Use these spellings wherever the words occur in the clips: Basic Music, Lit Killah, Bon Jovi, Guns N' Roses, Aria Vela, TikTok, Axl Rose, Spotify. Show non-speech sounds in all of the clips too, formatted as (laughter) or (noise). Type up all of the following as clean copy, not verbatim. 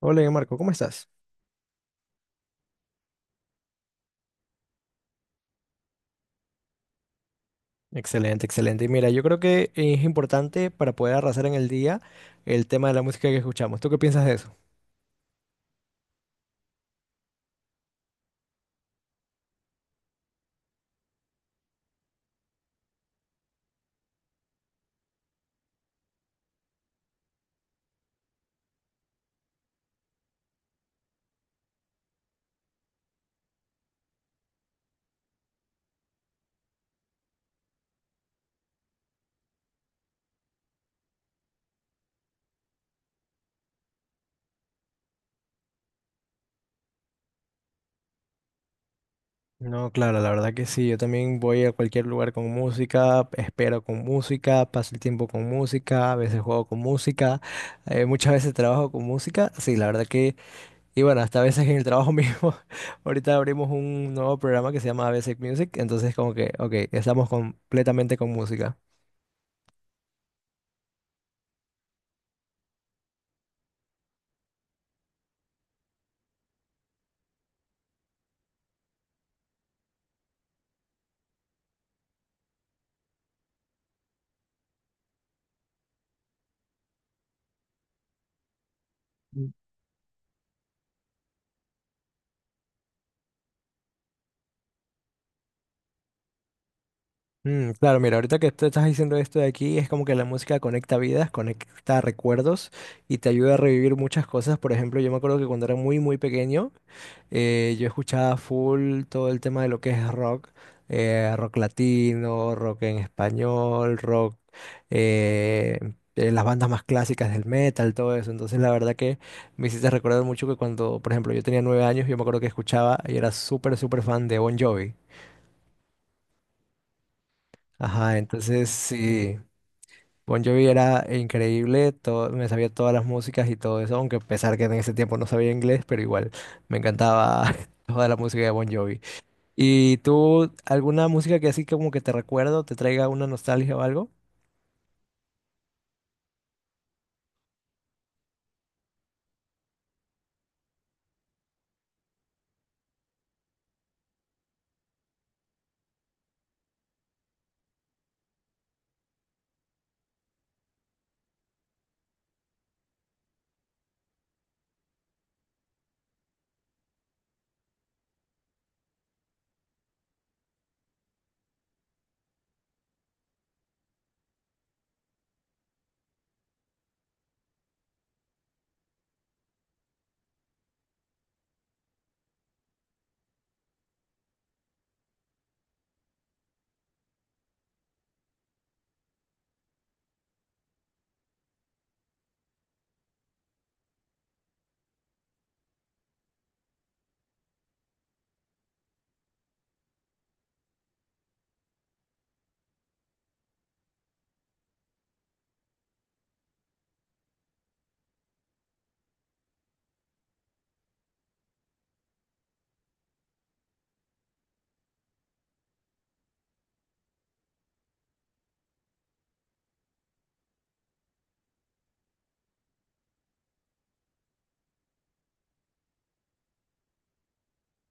Hola, Marco, ¿cómo estás? Excelente, excelente. Y mira, yo creo que es importante para poder arrasar en el día el tema de la música que escuchamos. ¿Tú qué piensas de eso? No, claro, la verdad que sí. Yo también voy a cualquier lugar con música, espero con música, paso el tiempo con música, a veces juego con música, muchas veces trabajo con música. Sí, la verdad que, y bueno, hasta a veces en el trabajo (laughs) mismo. Ahorita abrimos un nuevo programa que se llama Basic Music, entonces como que, ok, estamos completamente con música. Mm, claro, mira, ahorita que tú estás diciendo esto de aquí, es como que la música conecta vidas, conecta recuerdos y te ayuda a revivir muchas cosas. Por ejemplo, yo me acuerdo que cuando era muy, muy pequeño, yo escuchaba full todo el tema de lo que es rock, rock latino, rock en español, rock, eh, las bandas más clásicas del metal, todo eso. Entonces, la verdad que me hiciste recordar mucho que cuando, por ejemplo, yo tenía 9 años, yo me acuerdo que escuchaba y era súper, súper fan de Bon Jovi. Ajá, entonces sí. Bon Jovi era increíble, todo, me sabía todas las músicas y todo eso, aunque a pesar que en ese tiempo no sabía inglés, pero igual me encantaba (laughs) toda la música de Bon Jovi. ¿Y tú, alguna música que así como que te recuerdo, te traiga una nostalgia o algo?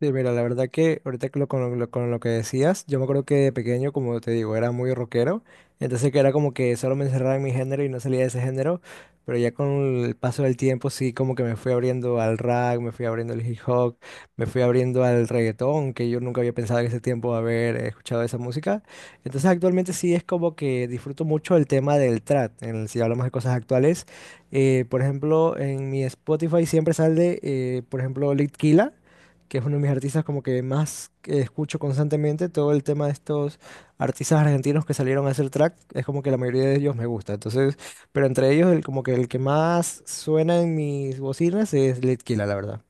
Sí, mira, la verdad que ahorita que con lo que decías, yo me acuerdo que de pequeño, como te digo, era muy rockero, entonces que era como que solo me encerraba en mi género y no salía de ese género, pero ya con el paso del tiempo sí como que me fui abriendo al rap, me fui abriendo al hip hop, me fui abriendo al reggaetón, que yo nunca había pensado en ese tiempo haber escuchado esa música, entonces actualmente sí es como que disfruto mucho el tema del trap, si hablamos de cosas actuales, por ejemplo, en mi Spotify siempre sale, por ejemplo, Lit Killah, que es uno de mis artistas como que más que escucho constantemente, todo el tema de estos artistas argentinos que salieron a hacer track, es como que la mayoría de ellos me gusta. Entonces, pero entre ellos el como que el que más suena en mis bocinas es Lit Killah, la verdad.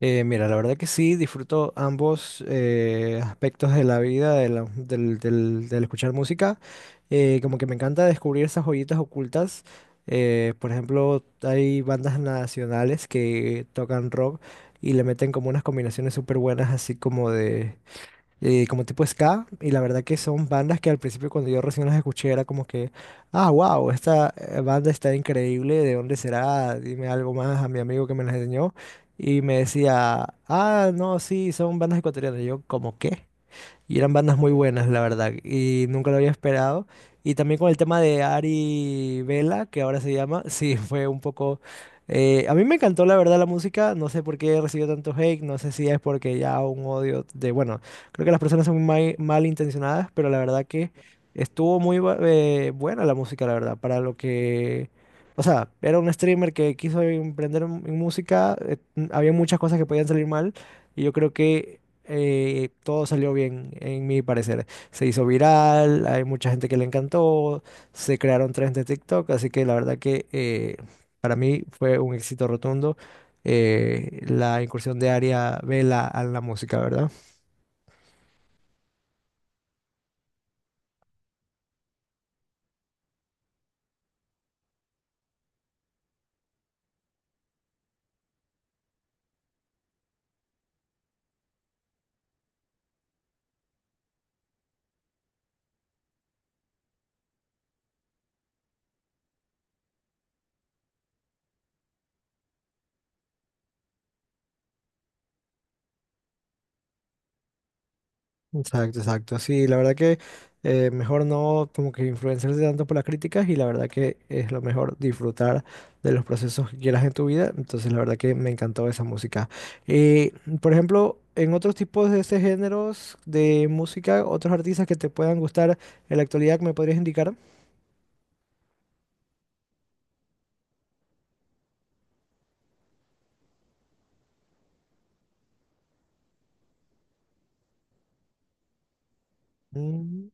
Mira, la verdad que sí, disfruto ambos aspectos de la vida, de la- del, del- del escuchar música. Como que me encanta descubrir esas joyitas ocultas. Por ejemplo, hay bandas nacionales que tocan rock y le meten como unas combinaciones súper buenas, así como de como tipo ska, y la verdad que son bandas que al principio cuando yo recién las escuché era como que, ah, wow, esta banda está increíble, ¿de dónde será? Dime algo más a mi amigo que me las enseñó, y me decía, ah, no, sí, son bandas ecuatorianas, y yo, ¿como qué? Y eran bandas muy buenas, la verdad, y nunca lo había esperado. Y también con el tema de Ari Vela, que ahora se llama, (laughs) sí, fue un poco... a mí me encantó, la verdad, la música. No sé por qué recibió tanto hate, no sé si es porque ya un odio de... Bueno, creo que las personas son muy mal, intencionadas, pero la verdad que estuvo muy buena la música, la verdad, para lo que... O sea, era un streamer que quiso emprender en música, había muchas cosas que podían salir mal, y yo creo que todo salió bien, en mi parecer. Se hizo viral, hay mucha gente que le encantó, se crearon trends de TikTok, así que la verdad que para mí fue un éxito rotundo la incursión de Aria Vela a la música, ¿verdad? Exacto, exacto. Sí, la verdad que mejor no como que influenciarse tanto por las críticas y la verdad que es lo mejor disfrutar de los procesos que quieras en tu vida. Entonces, la verdad que me encantó esa música. Eh, por ejemplo, en otros tipos de ese géneros de música, otros artistas que te puedan gustar en la actualidad, ¿me podrías indicar? Mm.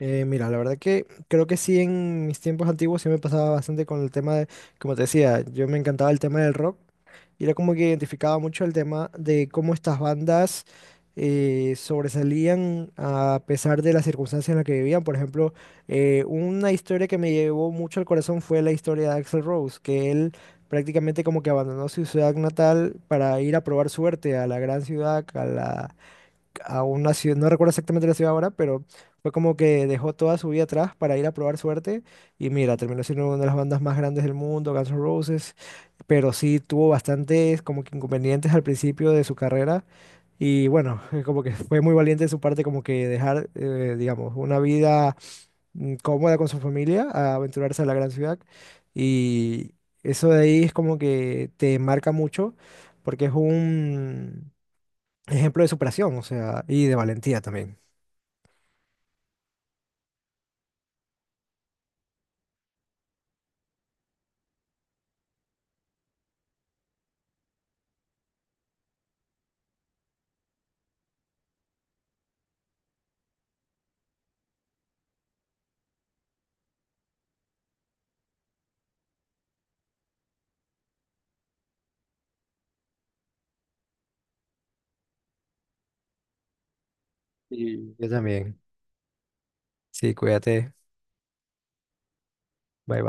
Mira, la verdad que creo que sí en mis tiempos antiguos sí me pasaba bastante con el tema de, como te decía, yo me encantaba el tema del rock y era como que identificaba mucho el tema de cómo estas bandas sobresalían a pesar de las circunstancias en las que vivían. Por ejemplo, una historia que me llevó mucho al corazón fue la historia de Axl Rose, que él prácticamente como que abandonó su ciudad natal para ir a probar suerte a la gran ciudad, a una ciudad, no recuerdo exactamente la ciudad ahora, pero fue como que dejó toda su vida atrás para ir a probar suerte y mira, terminó siendo una de las bandas más grandes del mundo, Guns N' Roses, pero sí tuvo bastantes como que inconvenientes al principio de su carrera y bueno, (laughs) como que fue muy valiente de su parte como que dejar, digamos, una vida cómoda con su familia a aventurarse a la gran ciudad y eso de ahí es como que te marca mucho porque es un ejemplo de superación, o sea, y de valentía también. Yo también. Sí, cuídate. Bye.